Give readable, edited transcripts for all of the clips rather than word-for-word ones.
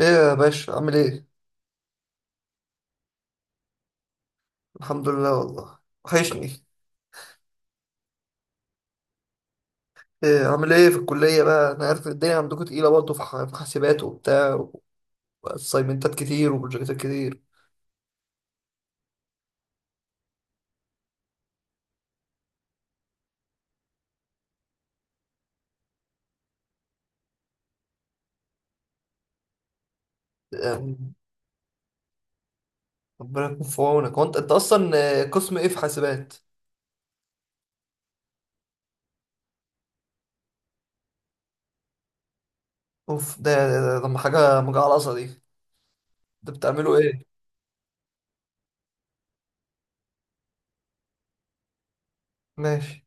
ايه يا باشا عامل ايه؟ الحمد لله والله. وحشني. ايه عامل ايه في الكلية بقى؟ انا عارف الدنيا عندكم تقيلة برضه في حاسبات وبتاع واسايمنتات كتير وبروجكتات كتير. يعني ربنا يكون في عونك. هو انت اصلا، قسم ايه في حاسبات؟ اوف، ده ده حاجة مجعلصة دي. انت بتعملوا ايه؟ ماشي.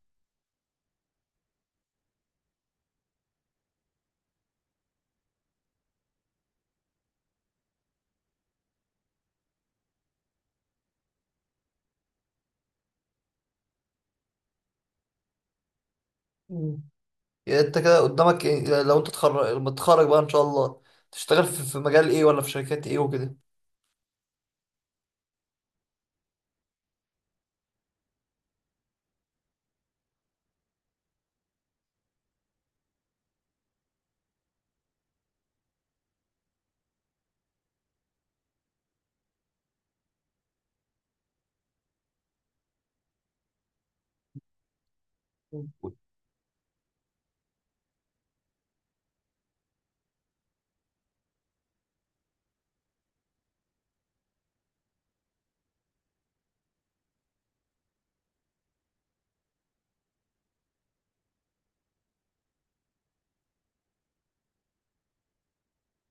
مم. يعني انت كده قدامك إيه؟ لو انت تخرج لما تتخرج بقى ان شاء الله تشتغل في مجال ايه ولا في شركات ايه وكده؟ مم.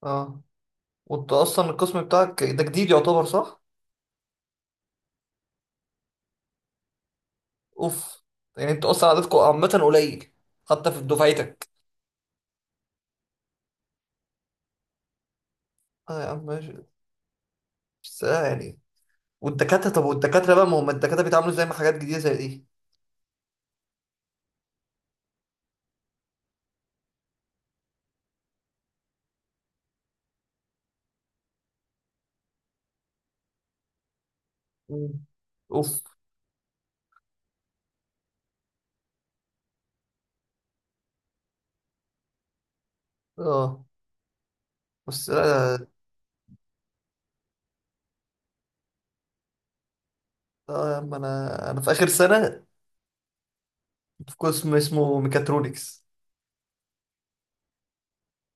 اه، وانت اصلا القسم بتاعك ده جديد يعتبر، صح؟ اوف، يعني انت اصلا عددكم عامة قليل، حتى في دفعتك. اه يا عم ماشي. بس آه يعني، والدكاترة، طب والدكاترة بقى، ما هم الدكاترة بيتعاملوا زي ما حاجات جديدة زي دي؟ مم. اوف. اه، بس لا. لا- اه يا عم انا في اخر سنة، في قسم اسمه ميكاترونكس،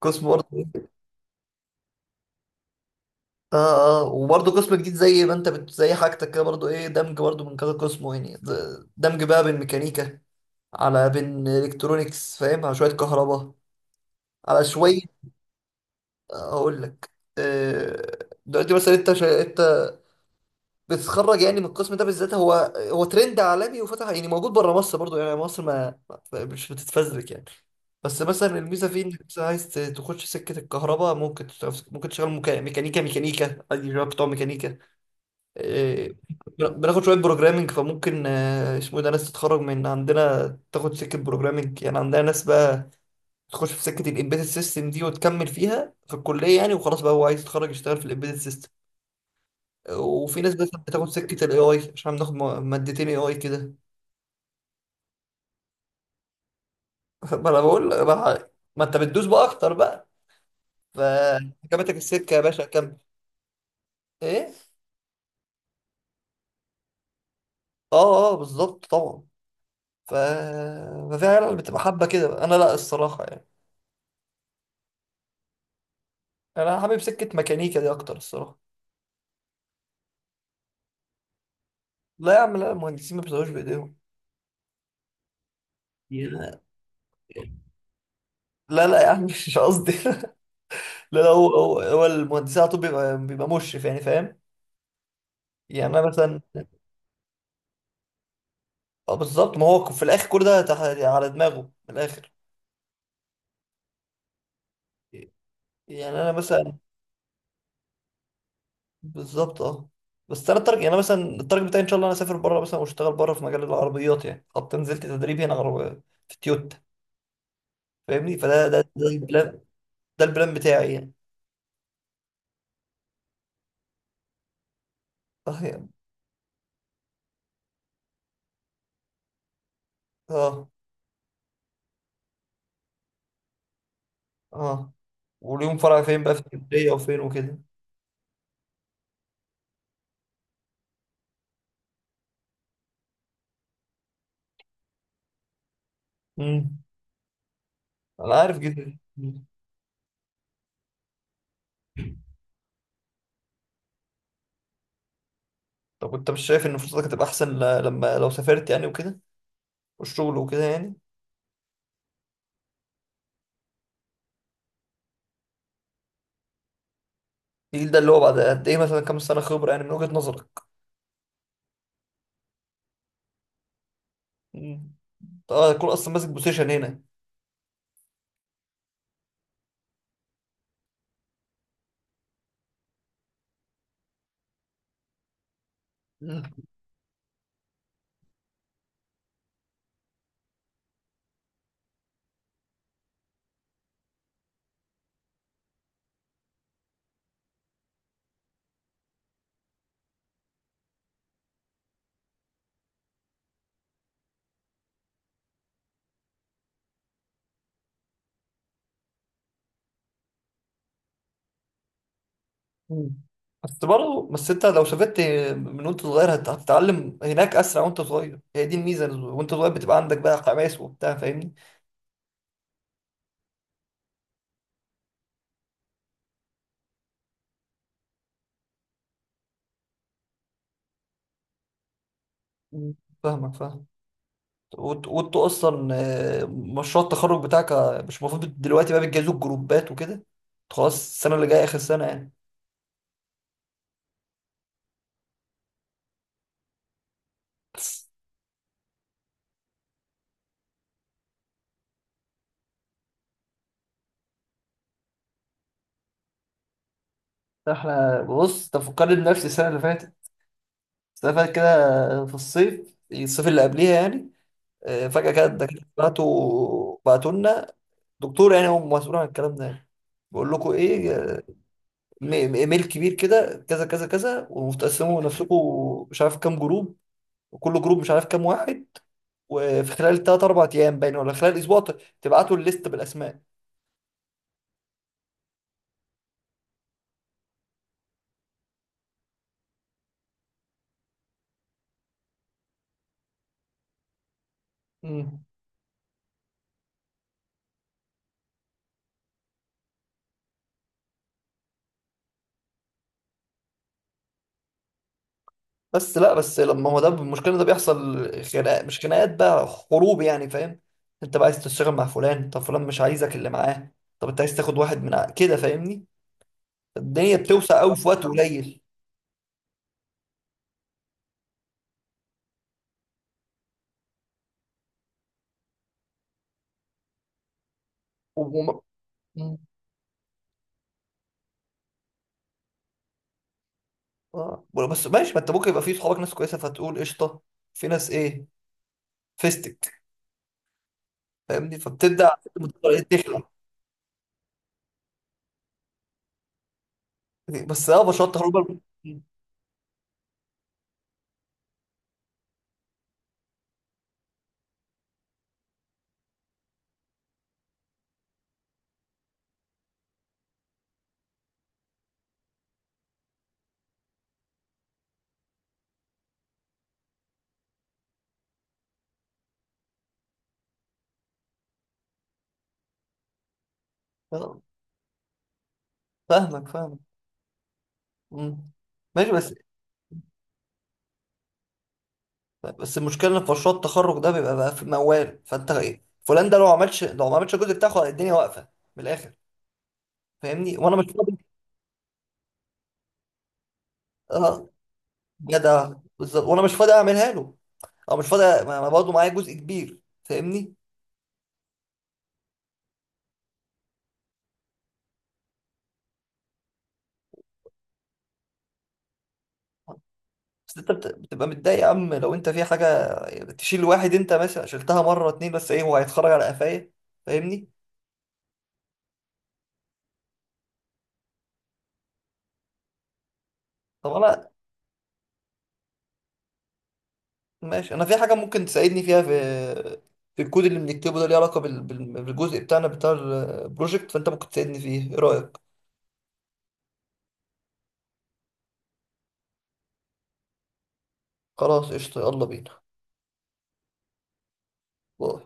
قسم برضه إيه؟ اه اه، وبرضه قسم جديد زي ما انت زي حاجتك كده برضه، ايه، دمج برضه من كذا قسم يعني دمج بقى بين ميكانيكا على بين الكترونكس، فاهم، على شوية كهرباء، على شوية. هقول لك. آه، دلوقتي مثلا انت انت بتتخرج يعني من القسم ده بالذات، هو هو ترند عالمي، وفتح يعني موجود بره مصر برضو، يعني مصر مش بتتفزلك يعني. بس مثلا الميزه فيه انك مثلا عايز تخش سكه الكهرباء، ممكن تشتغل ممكن تشتغل ميكانيكا، ميكانيكا عادي شباب بتوع ميكانيكا. آه، بناخد شويه بروجرامنج، فممكن اسمه ايه ده، ناس تتخرج من عندنا تاخد سكه بروجرامنج، يعني عندنا ناس بقى تخش في سكه الامبيدد سيستم دي وتكمل فيها في الكليه، يعني وخلاص بقى هو عايز يتخرج يشتغل في الامبيدد سيستم. وفي ناس بس بتاخد سكه الاي اي، عشان بناخد مادتين اي اي كده. ما انا بقول ما, ما انت بتدوس بقى اكتر بقى، فكمتك السكه يا باشا، كمل. ايه. اه اه بالظبط طبعا. ف، ففي عيال بتبقى حابه كده بقى. انا لا الصراحه يعني، انا حابب سكه ميكانيكا دي اكتر الصراحه. لا يا عم، لا، المهندسين ما بيشتغلوش بايديهم. يا- لا لا يا عم مش قصدي. لا لا، هو المهندسين على طول بيبقى مشرف، يعني فاهم. يعني انا مثلا، اه بالظبط، ما هو في الاخر كل ده يعني على دماغه من الاخر. يعني انا مثلا، بالظبط اه. بس انا التارجت، يعني انا مثلا التارجت بتاعي ان شاء الله انا اسافر بره مثلا واشتغل بره في مجال العربيات، يعني حتى نزلت تدريب هنا عربية في تويوتا. فاهمني، فده ده ده البلان، ده البلان بتاعي يعني. اه يعني، اه اه. وليهم فرع فين بقى، في اسكندريه وفين وكده؟ امم. انا عارف جدا. طب انت مش شايف ان فرصتك هتبقى احسن لما لو سافرت يعني وكده، والشغل وكده يعني؟ الجيل ده اللي هو بعد قد ايه مثلا، كام سنه خبره يعني من وجهه نظرك؟ مم. انت اه هتكون اصلا ماسك بوزيشن هنا. مم. مم. بس برضه، بس انت لو سافرت من وانت صغير هتتعلم هناك اسرع وانت صغير، هي دي الميزه، وانت صغير بتبقى عندك بقى حماس وبتاع، فاهمني. مم. فاهمك فاهم. وانتوا اصلا مشروع التخرج بتاعك، مش المفروض دلوقتي بقى بتجهزوا الجروبات وكده، خلاص السنه اللي جايه اخر سنه يعني. احنا بص، تفكرني بنفسي السنه اللي فاتت، السنه اللي فاتت كده في الصيف، الصيف اللي قبليها يعني، فجاه كده الدكاتره بعتوا لنا دكتور يعني هو مسؤول عن الكلام ده يعني. بقول لكم ايه، ايميل كبير كده، كذا كذا كذا، وتقسموا نفسكم مش عارف كام جروب، وكل جروب مش عارف كام واحد، وفي خلال تلات أربع أيام باين، ولا خلال أسبوع تبعتوا الليست بالأسماء. مم. بس لا، بس لما هو ده المشكله، إن ده بيحصل خناقات، مش خناقات بقى، حروب يعني، فاهم. انت بقى عايز تشتغل مع فلان، طب فلان مش عايزك اللي معاه. طب انت عايز تاخد واحد من كده، فاهمني. الدنيا بتوسع قوي في وقت قليل. وم... مم. آه. بس ماشي، ما انت ممكن يبقى في صحابك ناس كويسه، فتقول قشطه، في ناس ايه، فيستك، فاهمني، فبتبدا إيه، تخلع. بس اه بشرط حروب آه، فاهمك فاهمك. مم. ماشي بس. بس المشكله ان في مشروع التخرج ده بيبقى بقى في موال، فانت ايه، فلان ده لو ما عملش، الجزء بتاعه الدنيا واقفه من الاخر، فاهمني، وانا مش فاضي. اه جدع. بالظبط، وانا مش فاضي اعملها له، او مش فاضي، ما ما برضه معايا جزء كبير فاهمني. بس انت بتبقى متضايق يا عم لو انت في حاجه تشيل واحد، انت مثلا شلتها مره اتنين، بس ايه هو هيتخرج على قفايا، فاهمني. طب انا، ماشي انا في حاجه ممكن تساعدني فيها في في الكود اللي بنكتبه ده، ليه علاقه بالجزء بتاعنا بتاع البروجكت، فانت ممكن تساعدني فيه، ايه رايك؟ خلاص قشطة، يلا بينا. باي.